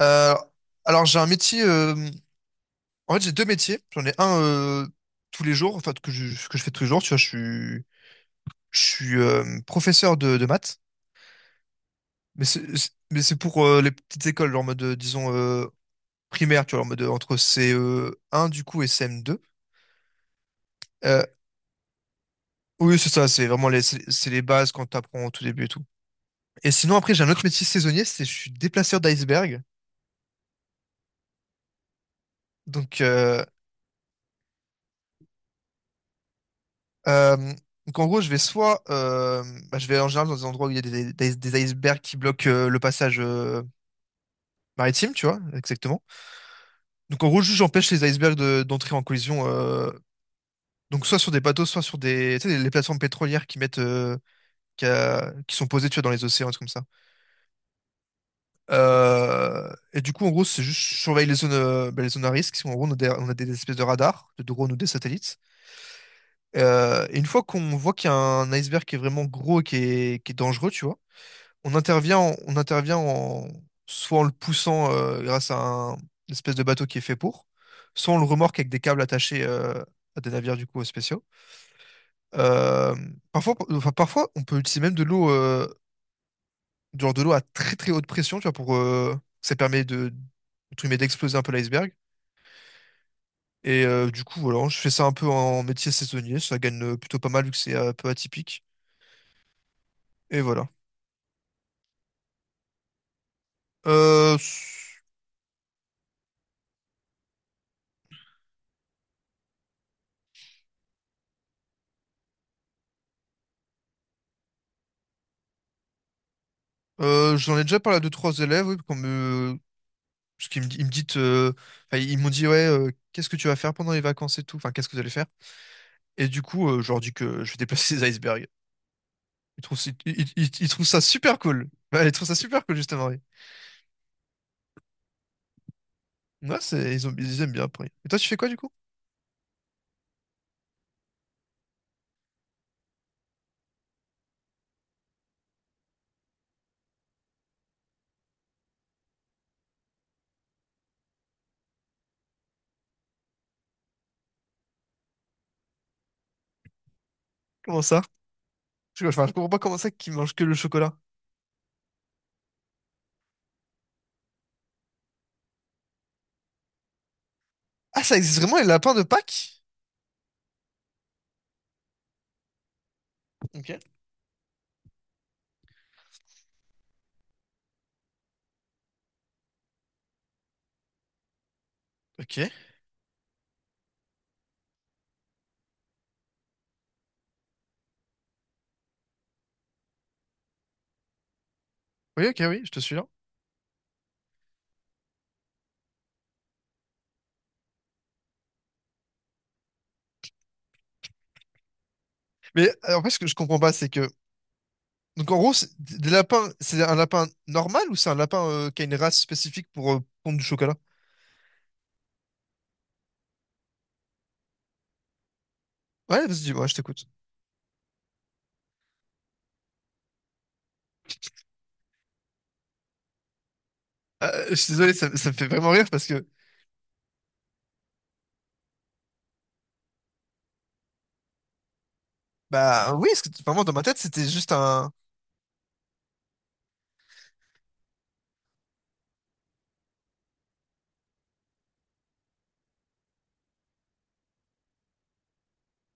Euh, alors j'ai un métier, en fait j'ai deux métiers. J'en ai un tous les jours, enfin que je fais tous les jours. Tu vois, je suis professeur de maths, mais mais c'est pour les petites écoles, genre en mode, disons, primaire, tu vois, en mode, entre CE1 du coup et CM2. Euh, oui, c'est ça, c'est vraiment les, c'est les bases quand t'apprends au tout début et tout. Et sinon après j'ai un autre métier saisonnier, c'est je suis déplaceur d'iceberg. Donc euh, Euh, donc en gros, je vais soit, bah, je vais en général dans des endroits où il y a des icebergs qui bloquent le passage maritime, tu vois, exactement. Donc en gros, juste j'empêche les icebergs d'entrer en collision, donc soit sur des bateaux, soit sur des, tu sais, les plateformes pétrolières qui qui sont posées, tu vois, dans les océans, des trucs comme ça. Et du coup, en gros, c'est juste je surveille les zones, bah, les zones à risque. En gros, on a des espèces de radars, de drones ou des satellites. Et une fois qu'on voit qu'il y a un iceberg qui est vraiment gros et qui est dangereux, tu vois. On intervient en, soit en le poussant, grâce à un, une espèce de bateau qui est fait pour, soit on le remorque avec des câbles attachés, à des navires du coup spéciaux. Euh, Parfois, on peut utiliser même de l'eau, du genre de l'eau à très très haute pression, tu vois, pour ça permet de, entre guillemets, d'exploser un peu l'iceberg. Du coup, voilà, je fais ça un peu en métier saisonnier, ça gagne plutôt pas mal vu que c'est un peu atypique. Et voilà. Euh, s- J'en ai déjà parlé à deux, trois élèves, oui, Parce qu'ils me, di- ils me dit, enfin, ils m'ont dit, ouais, qu'est-ce que tu vas faire pendant les vacances et tout? Enfin, qu'est-ce que vous allez faire? Et du coup, je leur dis que je vais déplacer des icebergs. Ils trouvent, si- ils- ils- Ils trouvent ça super cool. Ouais, ils trouvent ça super cool, justement. Oui. Ouais, ils aiment bien après. Et toi, tu fais quoi, du coup? Comment ça? Je comprends pas comment ça qu'ils mangent que le chocolat. Ah, ça existe vraiment, les lapins de Pâques? Ok, ok. Oui, ok, oui, je te suis là. Mais, en fait, ce que je comprends pas, c'est que... Donc en gros, des lapins, c'est un lapin normal ou c'est un lapin, qui a une race spécifique pour pondre du chocolat? Ouais, vas-y, ouais, je t'écoute. Je suis désolé, ça me fait vraiment rire parce que... Bah oui, parce que vraiment, dans ma tête, c'était juste un...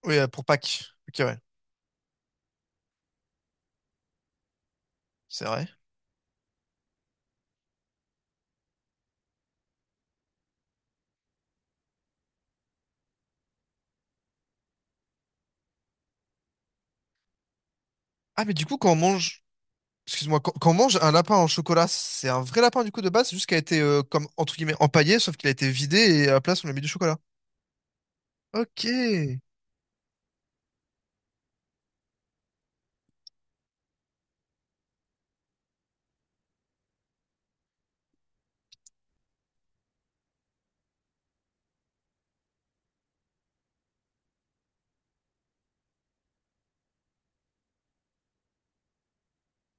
Oui, pour Pâques. Ok, ouais, c'est vrai. Ah, mais du coup, quand on mange... Excuse-moi, quand on mange un lapin en chocolat, c'est un vrai lapin du coup de base, c'est juste qu'il a été, comme, entre guillemets, empaillé, sauf qu'il a été vidé et à la place, on a mis du chocolat. Ok.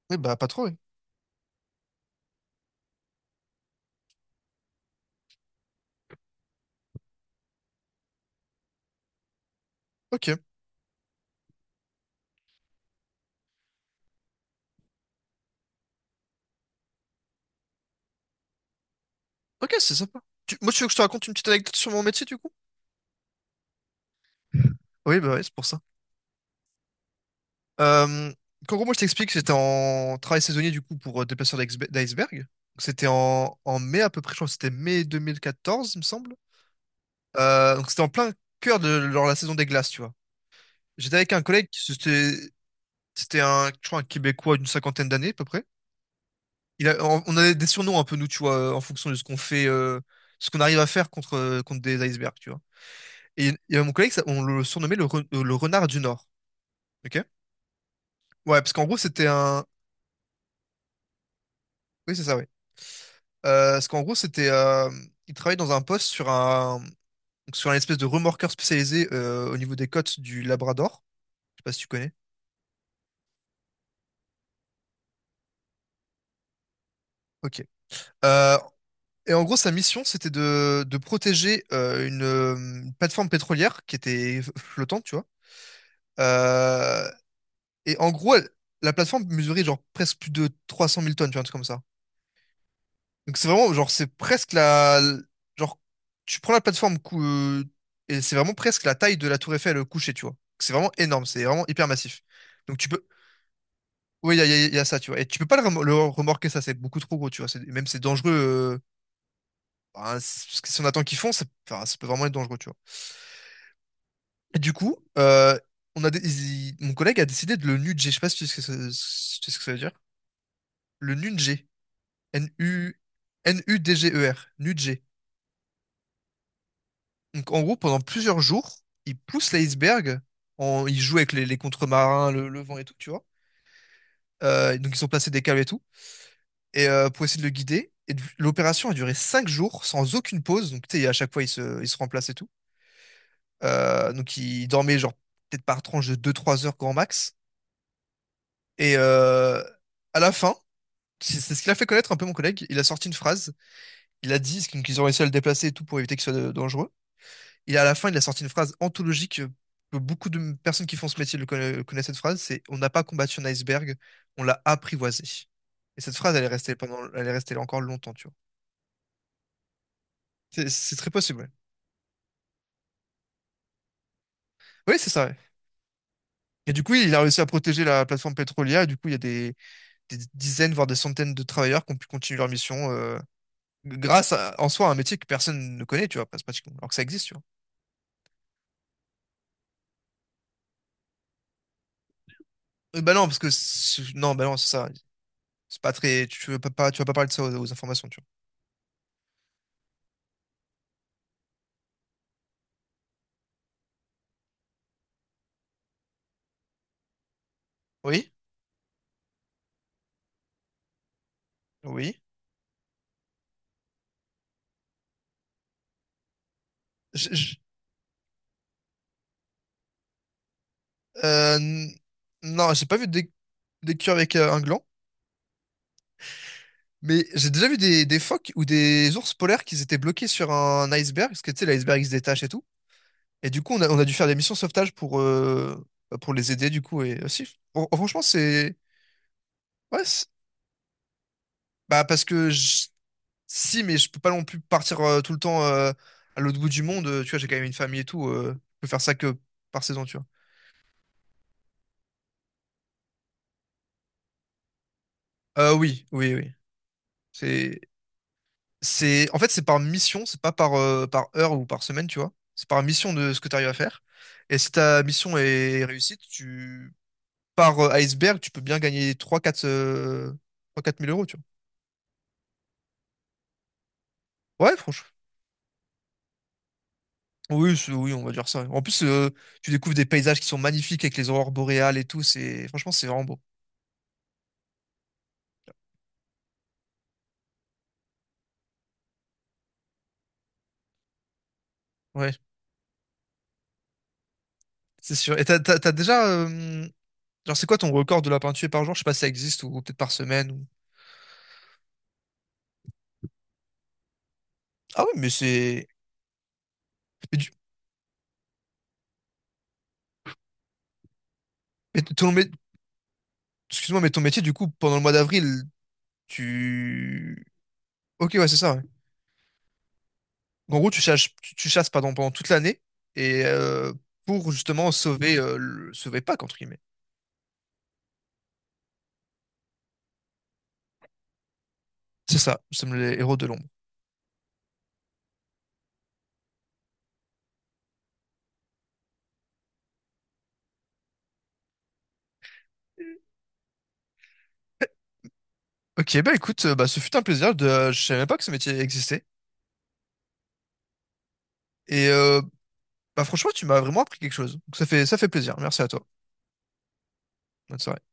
Oui, bah pas trop, oui. Ok. Ok, c'est sympa. Moi, tu veux que je te raconte une petite anecdote sur mon métier, du coup? Oui, bah oui, c'est pour ça. Euh, Qu'en gros, moi, je t'explique, j'étais en travail saisonnier, du coup, pour d'iceberg. Donc, en mai, à peu près, je crois que c'était mai 2014, il me semble. Donc, c'était en plein cœur de genre, la saison des glaces, tu vois. J'étais avec un collègue, c'était un, je crois, un Québécois d'une cinquantaine d'années, à peu près. On avait des surnoms un peu, nous, tu vois, en fonction de ce qu'on fait, ce qu'on arrive à faire contre des icebergs, tu vois. Et il mon collègue, on le surnommait le renard du Nord. Ok? Ouais, parce qu'en gros, c'était un. Oui, c'est ça, oui. Parce qu'en gros, c'était. Il travaillait dans un poste sur un, donc sur un espèce de remorqueur spécialisé, au niveau des côtes du Labrador. Je sais pas si tu connais. Ok. Euh, et en gros, sa mission, c'était de protéger, une plateforme pétrolière qui était flottante, tu vois. Euh, et en gros, la plateforme mesurait genre presque plus de 300 000 tonnes, tu vois, un truc comme ça. Donc c'est vraiment, genre, c'est presque la... Genre, tu prends la plateforme et c'est vraiment presque la taille de la tour Eiffel, couchée, tu vois. C'est vraiment énorme, c'est vraiment hyper massif. Donc tu peux... Oui, il y a ça, tu vois. Et tu peux pas le remorquer, ça, c'est beaucoup trop gros, tu vois. Même c'est dangereux. Bah, parce que si on attend qu'ils font, ça, enfin, ça peut vraiment être dangereux, tu vois. Et du coup, on a dé- il- mon collègue a décidé de le nuger. Je sais pas si tu sais ce que, ça- si tu sais ce que ça veut dire. Le nuger. N-U... Nudger. Nuger. Donc, en gros, pendant plusieurs jours, ils poussent l'iceberg. En... Ils jouent avec les contre-marins, le vent et tout, tu vois. Donc, ils ont placé des câbles et tout. Et, pour essayer de le guider. L'opération a duré 5 jours sans aucune pause. Donc, tu sais, à chaque fois, ils se remplacent et tout. Donc, ils dormaient, genre, peut-être par tranche de 2-3 heures grand max. Et euh, à la fin, c'est ce qui l'a fait connaître un peu mon collègue. Il a sorti une phrase. Il a dit, donc, ils ont réussi à le déplacer et tout pour éviter qu'il soit, dangereux. Et à la fin, il a sorti une phrase anthologique, que beaucoup de personnes qui font ce métier connaissent cette phrase. C'est: on n'a pas combattu un iceberg, on l'a apprivoisé. Et cette phrase, elle est restée là encore longtemps, tu vois. C'est très possible. Ouais. Oui, c'est ça. Ouais. Et du coup, il a réussi à protéger la plateforme pétrolière. Et du coup, il y a des dizaines, voire des centaines de travailleurs qui ont pu continuer leur mission, grâce à, en soi à un métier que personne ne connaît, tu vois, pratiquement, alors que ça existe, tu vois. Bah non, parce que non, bah non, c'est ça. C'est pas très. Tu vas pas parler de ça, aux informations, tu vois. Oui, oui. je- Euh, non, j'ai pas vu des queues avec, un gland, mais j'ai déjà vu des phoques ou des ours polaires qui étaient bloqués sur un iceberg, parce que tu sais, l'iceberg il se détache et tout. Et du coup, on a dû faire des missions sauvetage pour, bah, pour les aider, du coup. Et aussi, franchement, c'est. Ouais, bah, parce que si, mais je peux pas non plus partir, tout le temps, à l'autre bout du monde, tu vois, j'ai quand même une famille et tout, je peux faire ça que par saison, tu vois. Oui, oui, oui. C'est. En fait, c'est par mission, c'est pas par heure ou par semaine, tu vois. C'est par mission de ce que tu arrives à faire. Et si ta mission est réussie, par, iceberg, tu peux bien gagner trois quatre mille euros, tu vois. Ouais, franchement. Oui, oui, on va dire ça. En plus, tu découvres des paysages qui sont magnifiques avec les aurores boréales et tout. C'est, franchement, c'est vraiment beau. Ouais, c'est sûr. Et t'as déjà, genre, c'est quoi ton record de lapin tué par jour? Je sais pas si ça existe ou peut-être par semaine. Ah oui, mais c'est, mais du- mais ton mé- excuse-moi, ton métier, du coup, pendant le mois d'avril, tu... Ok, ouais, c'est ça. Ouais. En gros, tu chasses pardon, pendant toute l'année et, pour justement sauver Pâques, entre guillemets. C'est ça, nous sommes les héros de l'ombre. Ok, bah écoute, bah, ce fut un plaisir. Je savais même pas que ce métier existait. Et, bah, franchement, tu m'as vraiment appris quelque chose. Donc, ça fait plaisir. Merci à toi. Bonne soirée.